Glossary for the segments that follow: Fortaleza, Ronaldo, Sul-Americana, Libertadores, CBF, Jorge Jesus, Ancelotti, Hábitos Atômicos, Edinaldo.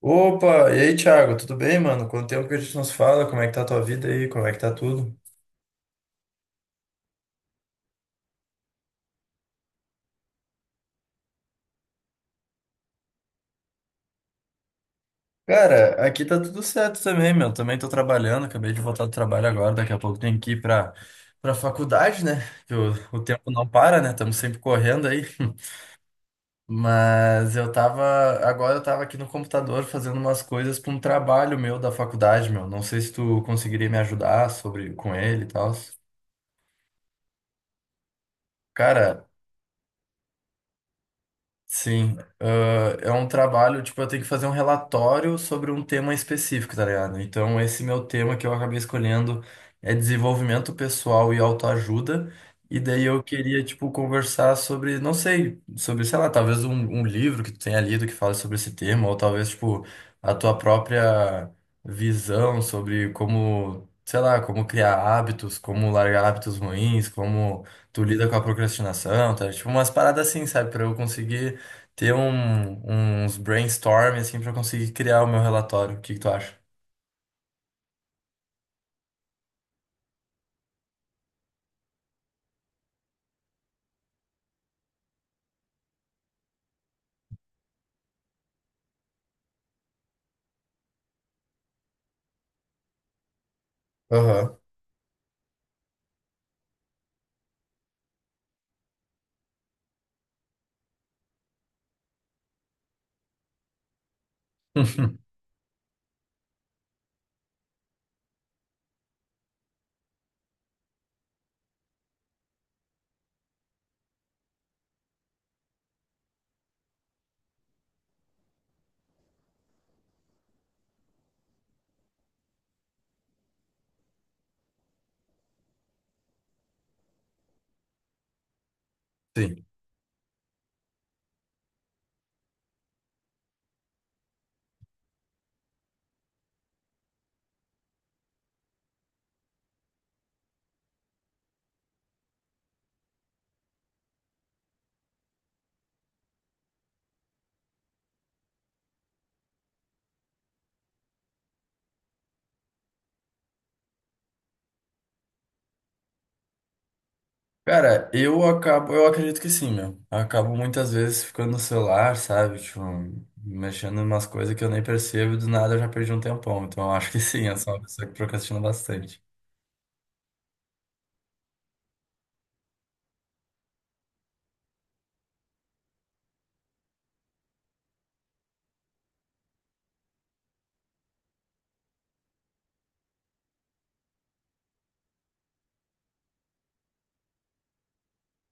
Opa, e aí, Thiago, tudo bem, mano? Quanto tempo que a gente nos fala? Como é que tá a tua vida aí? Como é que tá tudo? Cara, aqui tá tudo certo também, meu. Também tô trabalhando, acabei de voltar do trabalho agora, daqui a pouco tenho que ir pra faculdade, né? Que o, o tempo não para, né? Estamos sempre correndo aí. Mas eu tava, agora eu tava aqui no computador fazendo umas coisas pra um trabalho meu da faculdade, meu. Não sei se tu conseguiria me ajudar sobre com ele e tal. Cara, sim, é um trabalho, tipo, eu tenho que fazer um relatório sobre um tema específico, tá ligado? Então, esse meu tema que eu acabei escolhendo é desenvolvimento pessoal e autoajuda, e daí eu queria, tipo, conversar sobre, não sei, sobre, sei lá, talvez um livro que tu tenha lido que fala sobre esse tema, ou talvez, tipo, a tua própria visão sobre como, sei lá, como criar hábitos, como largar hábitos ruins, como tu lida com a procrastinação, tá? Tipo, umas paradas assim, sabe? Pra eu conseguir ter uns brainstorm assim para conseguir criar o meu relatório. O que que tu acha? Aham. Sim. Cara, eu acredito que sim, meu. Eu acabo muitas vezes ficando no celular, sabe? Tipo, mexendo em umas coisas que eu nem percebo e do nada eu já perdi um tempão. Então eu acho que sim, eu sou uma pessoa que procrastina bastante.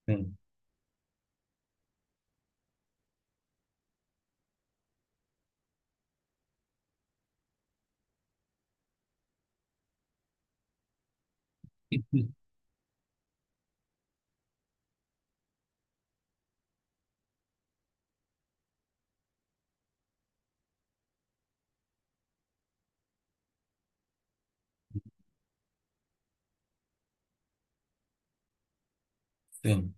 Sim. Sim.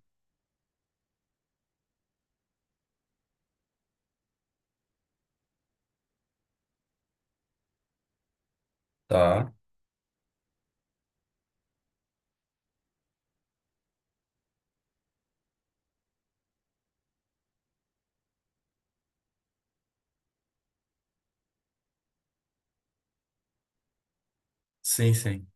Tá. Sim, sim.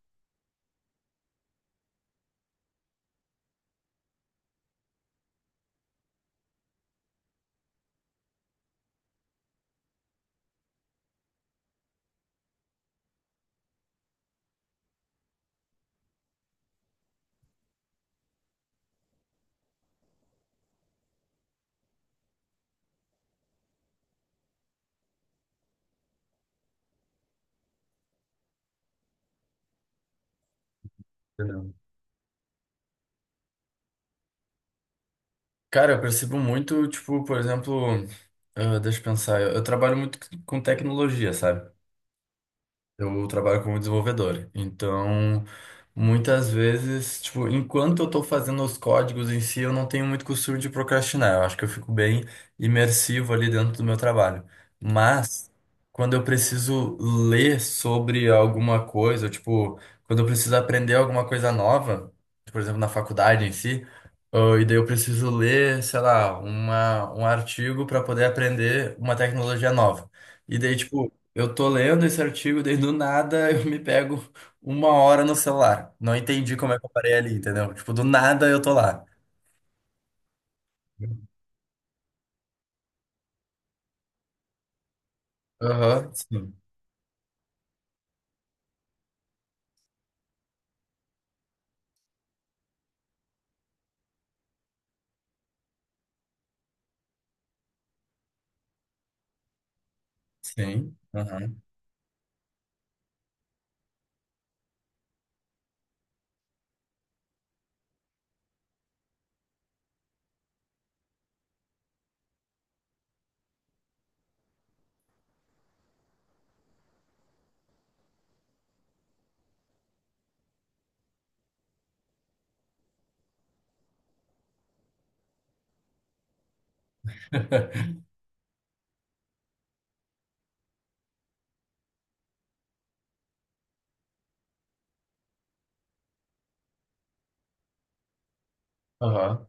Entendeu? Cara, eu percebo muito, tipo, por exemplo, ah, deixa eu pensar, eu trabalho muito com tecnologia, sabe? Eu trabalho como desenvolvedor, então muitas vezes, tipo, enquanto eu estou fazendo os códigos em si, eu não tenho muito costume de procrastinar. Eu acho que eu fico bem imersivo ali dentro do meu trabalho. Mas quando eu preciso ler sobre alguma coisa, ou, tipo, quando eu preciso aprender alguma coisa nova, por exemplo, na faculdade em si, ah, e daí eu preciso ler, sei lá, um artigo para poder aprender uma tecnologia nova. E daí, tipo, eu tô lendo esse artigo, daí do nada eu me pego uma hora no celular. Não entendi como é que eu parei ali, entendeu? Tipo, do nada eu tô lá. Aham, sim. Sim. Aham. Aham.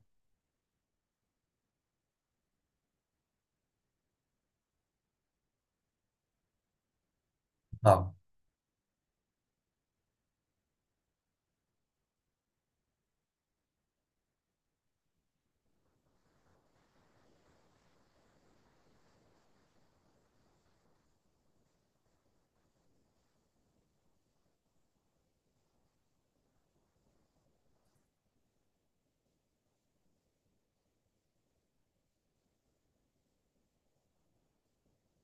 Tá.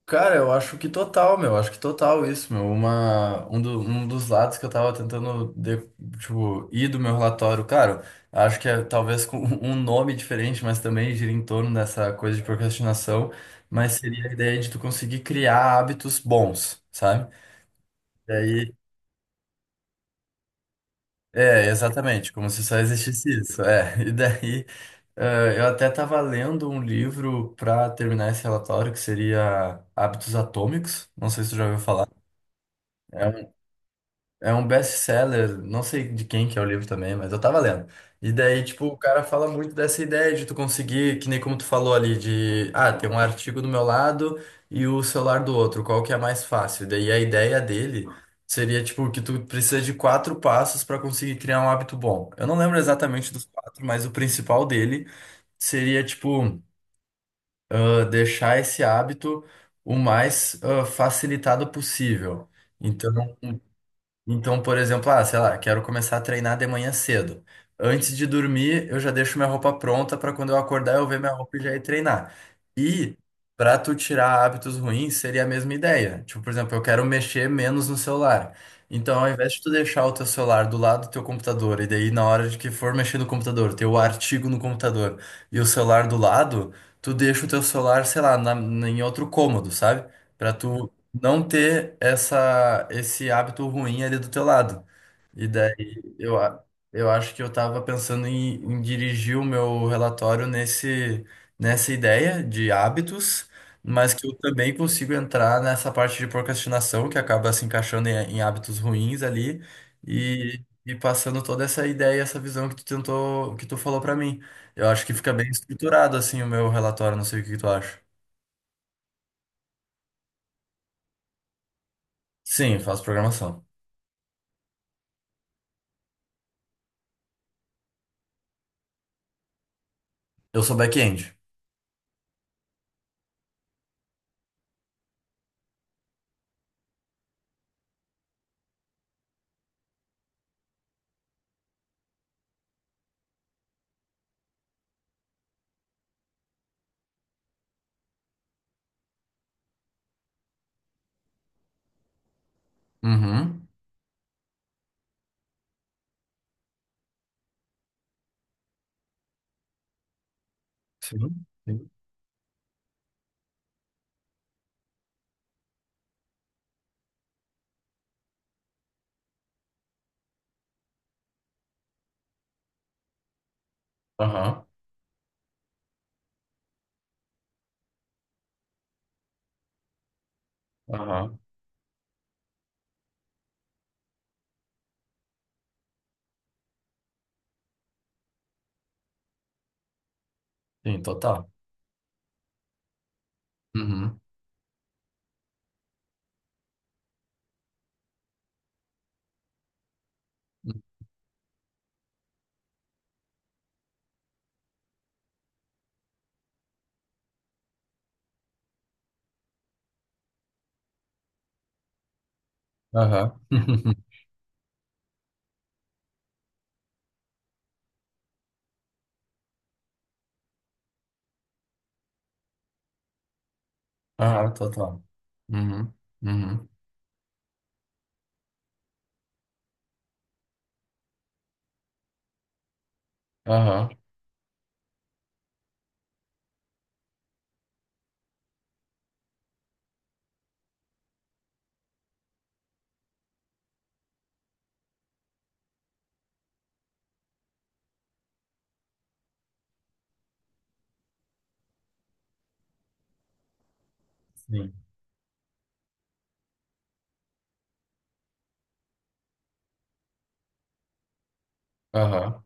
Cara, eu acho que total, meu. Acho que total isso, meu. Um dos lados que eu tava tentando, tipo, ir do meu relatório, claro, acho que é talvez com um nome diferente, mas também gira em torno dessa coisa de procrastinação, mas seria a ideia de tu conseguir criar hábitos bons, sabe? E aí é, exatamente, como se só existisse isso. É, e daí eu até estava lendo um livro para terminar esse relatório que seria Hábitos Atômicos. Não sei se tu já ouviu falar. É É um best-seller, não sei de quem que é o livro também, mas eu tava lendo. E daí, tipo, o cara fala muito dessa ideia de tu conseguir, que nem como tu falou ali, de, ah, tem um artigo do meu lado e o celular do outro, qual que é mais fácil? Daí a ideia dele seria, tipo, que tu precisa de quatro passos pra conseguir criar um hábito bom. Eu não lembro exatamente dos quatro, mas o principal dele seria, tipo, ah, deixar esse hábito o mais ah, facilitado possível. Então, então, por exemplo, ah, sei lá, quero começar a treinar de manhã cedo. Antes de dormir, eu já deixo minha roupa pronta para quando eu acordar eu ver minha roupa e já ir treinar. E para tu tirar hábitos ruins, seria a mesma ideia. Tipo, por exemplo, eu quero mexer menos no celular. Então, ao invés de tu deixar o teu celular do lado do teu computador e daí na hora de que for mexer no computador, ter o artigo no computador e o celular do lado, tu deixa o teu celular, sei lá, em outro cômodo, sabe? Pra tu não ter essa, esse hábito ruim ali do teu lado. E daí eu, a- eu acho que eu tava pensando em dirigir o meu relatório nessa ideia de hábitos, mas que eu também consigo entrar nessa parte de procrastinação, que acaba se encaixando em hábitos ruins ali, e passando toda essa ideia, essa visão que tu tentou, que tu falou para mim. Eu acho que fica bem estruturado assim o meu relatório, não sei o que que tu acha. Sim, faço programação. Eu sou back-end. Uhum. Sim, sim. Aham, aham. Sim, total. Uhum. Aham. Aham, total. Uhum. Uhum. Aham, sim. Aham.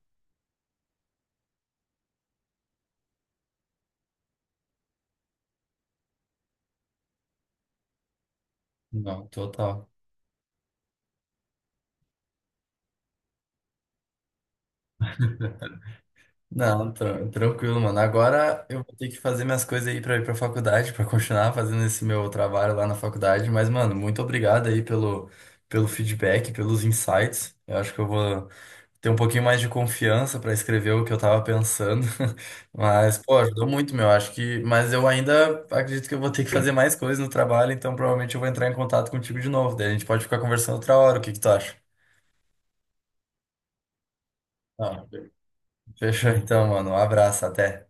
Não, total. Não, tranquilo, mano. Agora eu vou ter que fazer minhas coisas aí pra ir pra faculdade, pra continuar fazendo esse meu trabalho lá na faculdade. Mas, mano, muito obrigado aí pelo feedback, pelos insights. Eu acho que eu vou ter um pouquinho mais de confiança para escrever o que eu tava pensando. Mas, pô, ajudou muito, meu. Acho que. Mas eu ainda acredito que eu vou ter que fazer mais coisas no trabalho, então provavelmente eu vou entrar em contato contigo de novo. Daí a gente pode ficar conversando outra hora. O que que tu acha? Ah, Fechou então, mano. Um abraço, até.